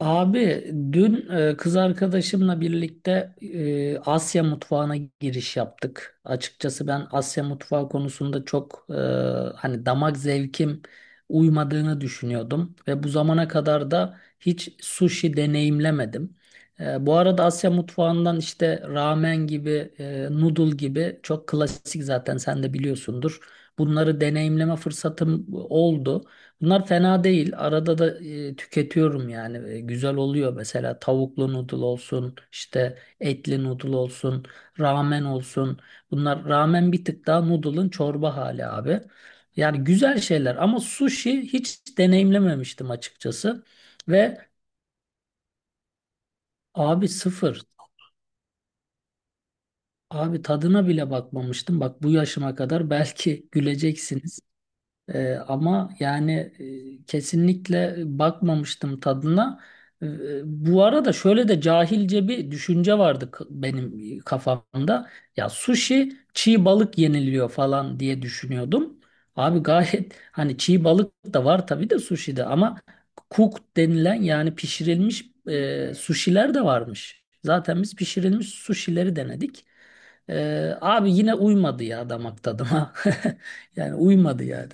Abi, dün kız arkadaşımla birlikte Asya mutfağına giriş yaptık. Açıkçası ben Asya mutfağı konusunda çok hani damak zevkim uymadığını düşünüyordum ve bu zamana kadar da hiç sushi deneyimlemedim. Bu arada Asya mutfağından işte ramen gibi, noodle gibi çok klasik, zaten sen de biliyorsundur. Bunları deneyimleme fırsatım oldu. Bunlar fena değil. Arada da tüketiyorum yani. Güzel oluyor mesela, tavuklu noodle olsun, işte etli noodle olsun, ramen olsun. Bunlar ramen bir tık daha noodle'ın çorba hali abi. Yani güzel şeyler ama sushi hiç deneyimlememiştim açıkçası. Ve abi, sıfır. Abi tadına bile bakmamıştım. Bak, bu yaşıma kadar belki güleceksiniz. Ama yani, kesinlikle bakmamıştım tadına. Ee, Bu arada şöyle de cahilce bir düşünce vardı benim kafamda. Ya sushi çiğ balık yeniliyor falan diye düşünüyordum. Abi gayet hani çiğ balık da var tabii de sushi'de ama cooked denilen, yani pişirilmiş sushi'ler de varmış. Zaten biz pişirilmiş sushi'leri denedik. Abi yine uymadı ya damak tadıma. Yani uymadı yani.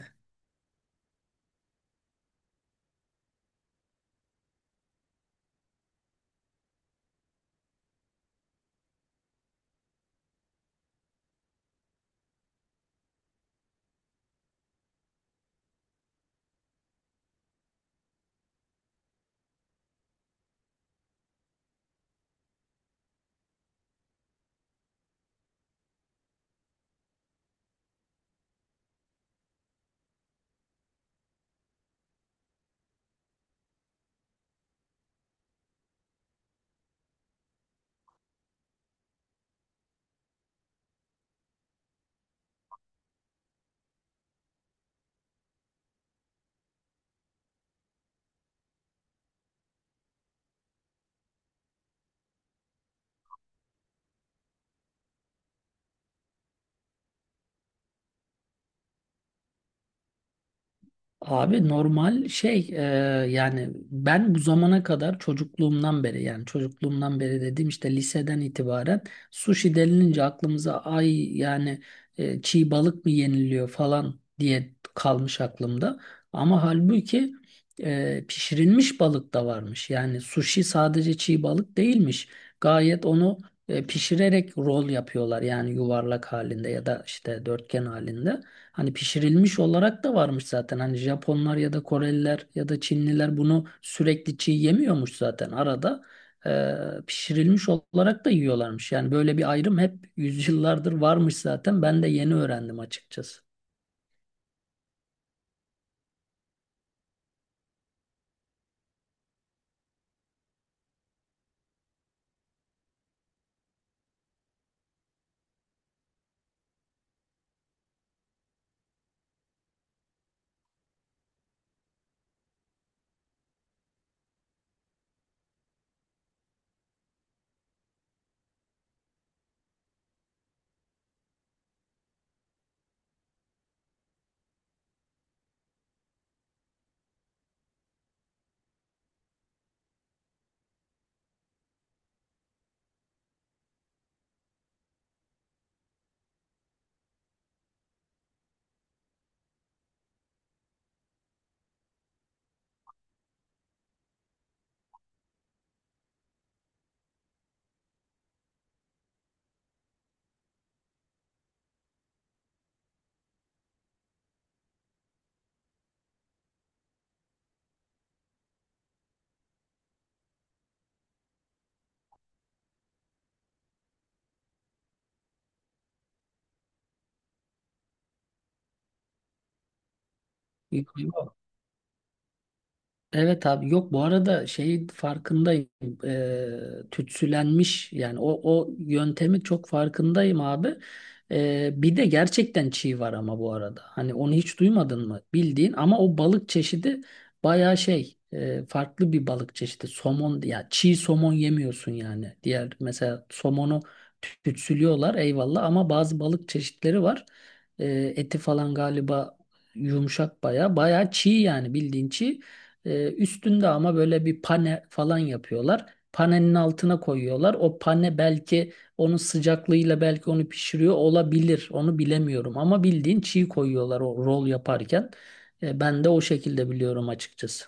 Abi normal şey, yani ben bu zamana kadar çocukluğumdan beri, yani çocukluğumdan beri dediğim, işte liseden itibaren sushi denilince aklımıza ay yani çiğ balık mı yeniliyor falan diye kalmış aklımda. Ama halbuki pişirilmiş balık da varmış. Yani sushi sadece çiğ balık değilmiş. Gayet onu pişirerek rol yapıyorlar, yani yuvarlak halinde ya da işte dörtgen halinde. Hani pişirilmiş olarak da varmış zaten. Hani Japonlar ya da Koreliler ya da Çinliler bunu sürekli çiğ yemiyormuş zaten. Arada pişirilmiş olarak da yiyorlarmış. Yani böyle bir ayrım hep yüzyıllardır varmış zaten. Ben de yeni öğrendim açıkçası. Yok, yok. Evet abi, yok, bu arada şey, farkındayım. Eee Tütsülenmiş yani, o yöntemi çok farkındayım abi. Bir de gerçekten çiğ var ama, bu arada hani onu hiç duymadın mı bildiğin, ama o balık çeşidi bayağı şey, farklı bir balık çeşidi, somon, ya çiğ somon yemiyorsun yani, diğer mesela somonu tütsülüyorlar eyvallah, ama bazı balık çeşitleri var. Eti falan galiba yumuşak, baya baya çiğ yani, bildiğin çiğ. Üstünde ama böyle bir pane falan yapıyorlar. Panenin altına koyuyorlar. O pane belki onun sıcaklığıyla belki onu pişiriyor olabilir. Onu bilemiyorum ama bildiğin çiğ koyuyorlar o rol yaparken. Ben de o şekilde biliyorum açıkçası.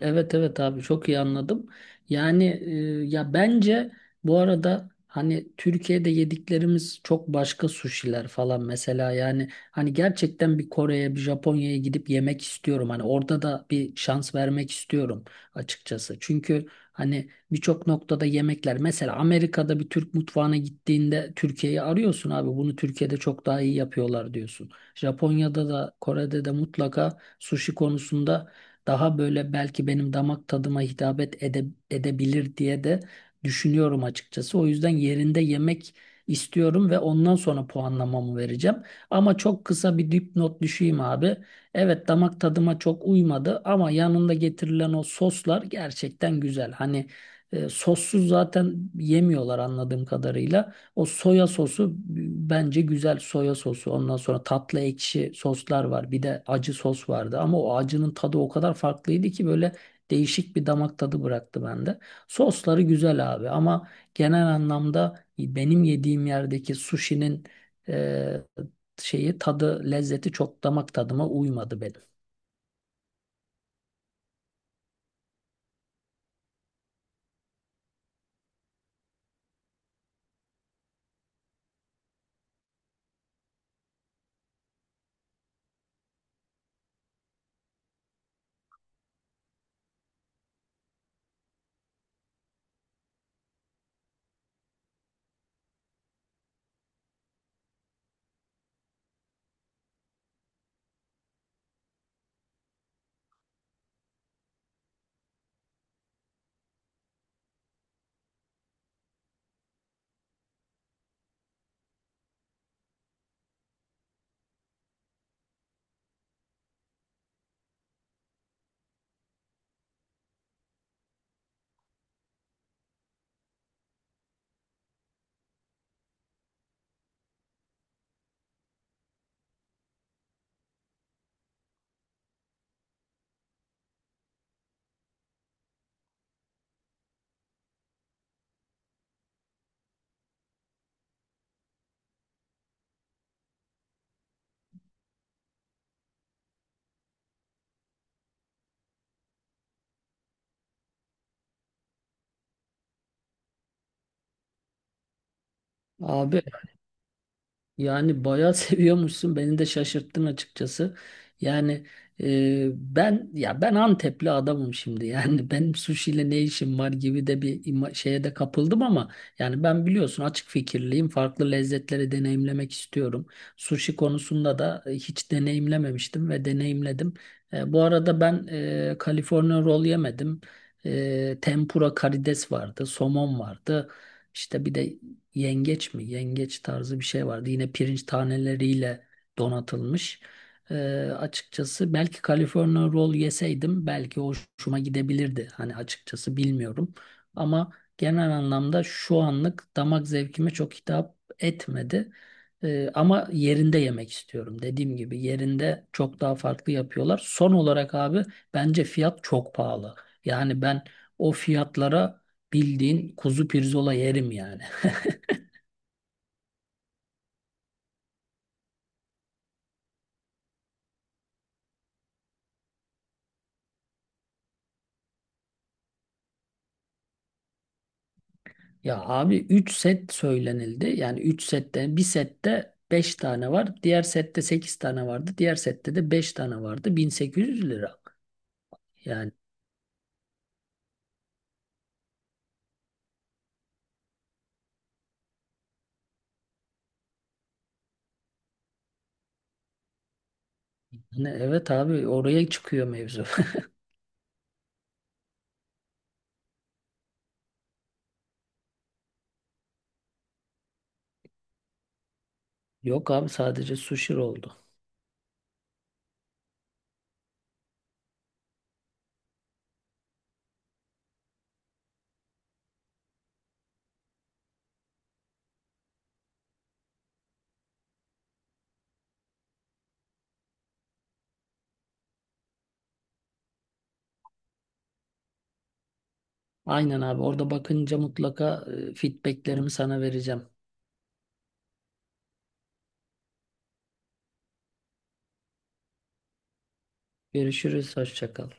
Evet, evet abi, çok iyi anladım. Yani ya bence, bu arada hani Türkiye'de yediklerimiz çok başka suşiler falan mesela, yani hani gerçekten bir Kore'ye, bir Japonya'ya gidip yemek istiyorum. Hani orada da bir şans vermek istiyorum açıkçası. Çünkü hani birçok noktada yemekler, mesela Amerika'da bir Türk mutfağına gittiğinde Türkiye'yi arıyorsun abi, bunu Türkiye'de çok daha iyi yapıyorlar diyorsun. Japonya'da da Kore'de de mutlaka suşi konusunda daha böyle belki benim damak tadıma hitap edebilir diye de düşünüyorum açıkçası. O yüzden yerinde yemek istiyorum ve ondan sonra puanlamamı vereceğim. Ama çok kısa bir dipnot düşeyim abi. Evet, damak tadıma çok uymadı ama yanında getirilen o soslar gerçekten güzel. Hani sossuz zaten yemiyorlar anladığım kadarıyla. O soya sosu, bence güzel soya sosu. Ondan sonra tatlı ekşi soslar var. Bir de acı sos vardı. Ama o acının tadı o kadar farklıydı ki böyle değişik bir damak tadı bıraktı bende. Sosları güzel abi ama genel anlamda benim yediğim yerdeki sushi'nin e, şeyi, tadı, lezzeti çok damak tadıma uymadı benim. Abi, yani bayağı seviyormuşsun. Beni de şaşırttın açıkçası. Yani ben Antepli adamım şimdi. Yani benim sushi ne işim var gibi de bir şeye de kapıldım ama yani ben, biliyorsun, açık fikirliyim. Farklı lezzetleri deneyimlemek istiyorum. Sushi konusunda da hiç deneyimlememiştim ve deneyimledim. Bu arada ben California roll yemedim. Tempura karides vardı, somon vardı. İşte bir de yengeç mi? Yengeç tarzı bir şey vardı. Yine pirinç taneleriyle donatılmış. Ee, Açıkçası belki California roll yeseydim belki hoşuma gidebilirdi. Hani açıkçası bilmiyorum. Ama genel anlamda şu anlık damak zevkime çok hitap etmedi. Ama yerinde yemek istiyorum. Dediğim gibi yerinde çok daha farklı yapıyorlar. Son olarak abi, bence fiyat çok pahalı. Yani ben o fiyatlara bildiğin kuzu pirzola yerim yani. Ya abi, 3 set söylenildi. Yani 3 sette, bir sette 5 tane var, diğer sette 8 tane vardı, diğer sette de 5 tane vardı. 1.800 lira. Yani hani, evet abi, oraya çıkıyor mevzu. Yok abi, sadece sushi oldu. Aynen abi, orada bakınca mutlaka feedbacklerimi sana vereceğim. Görüşürüz. Hoşça kal.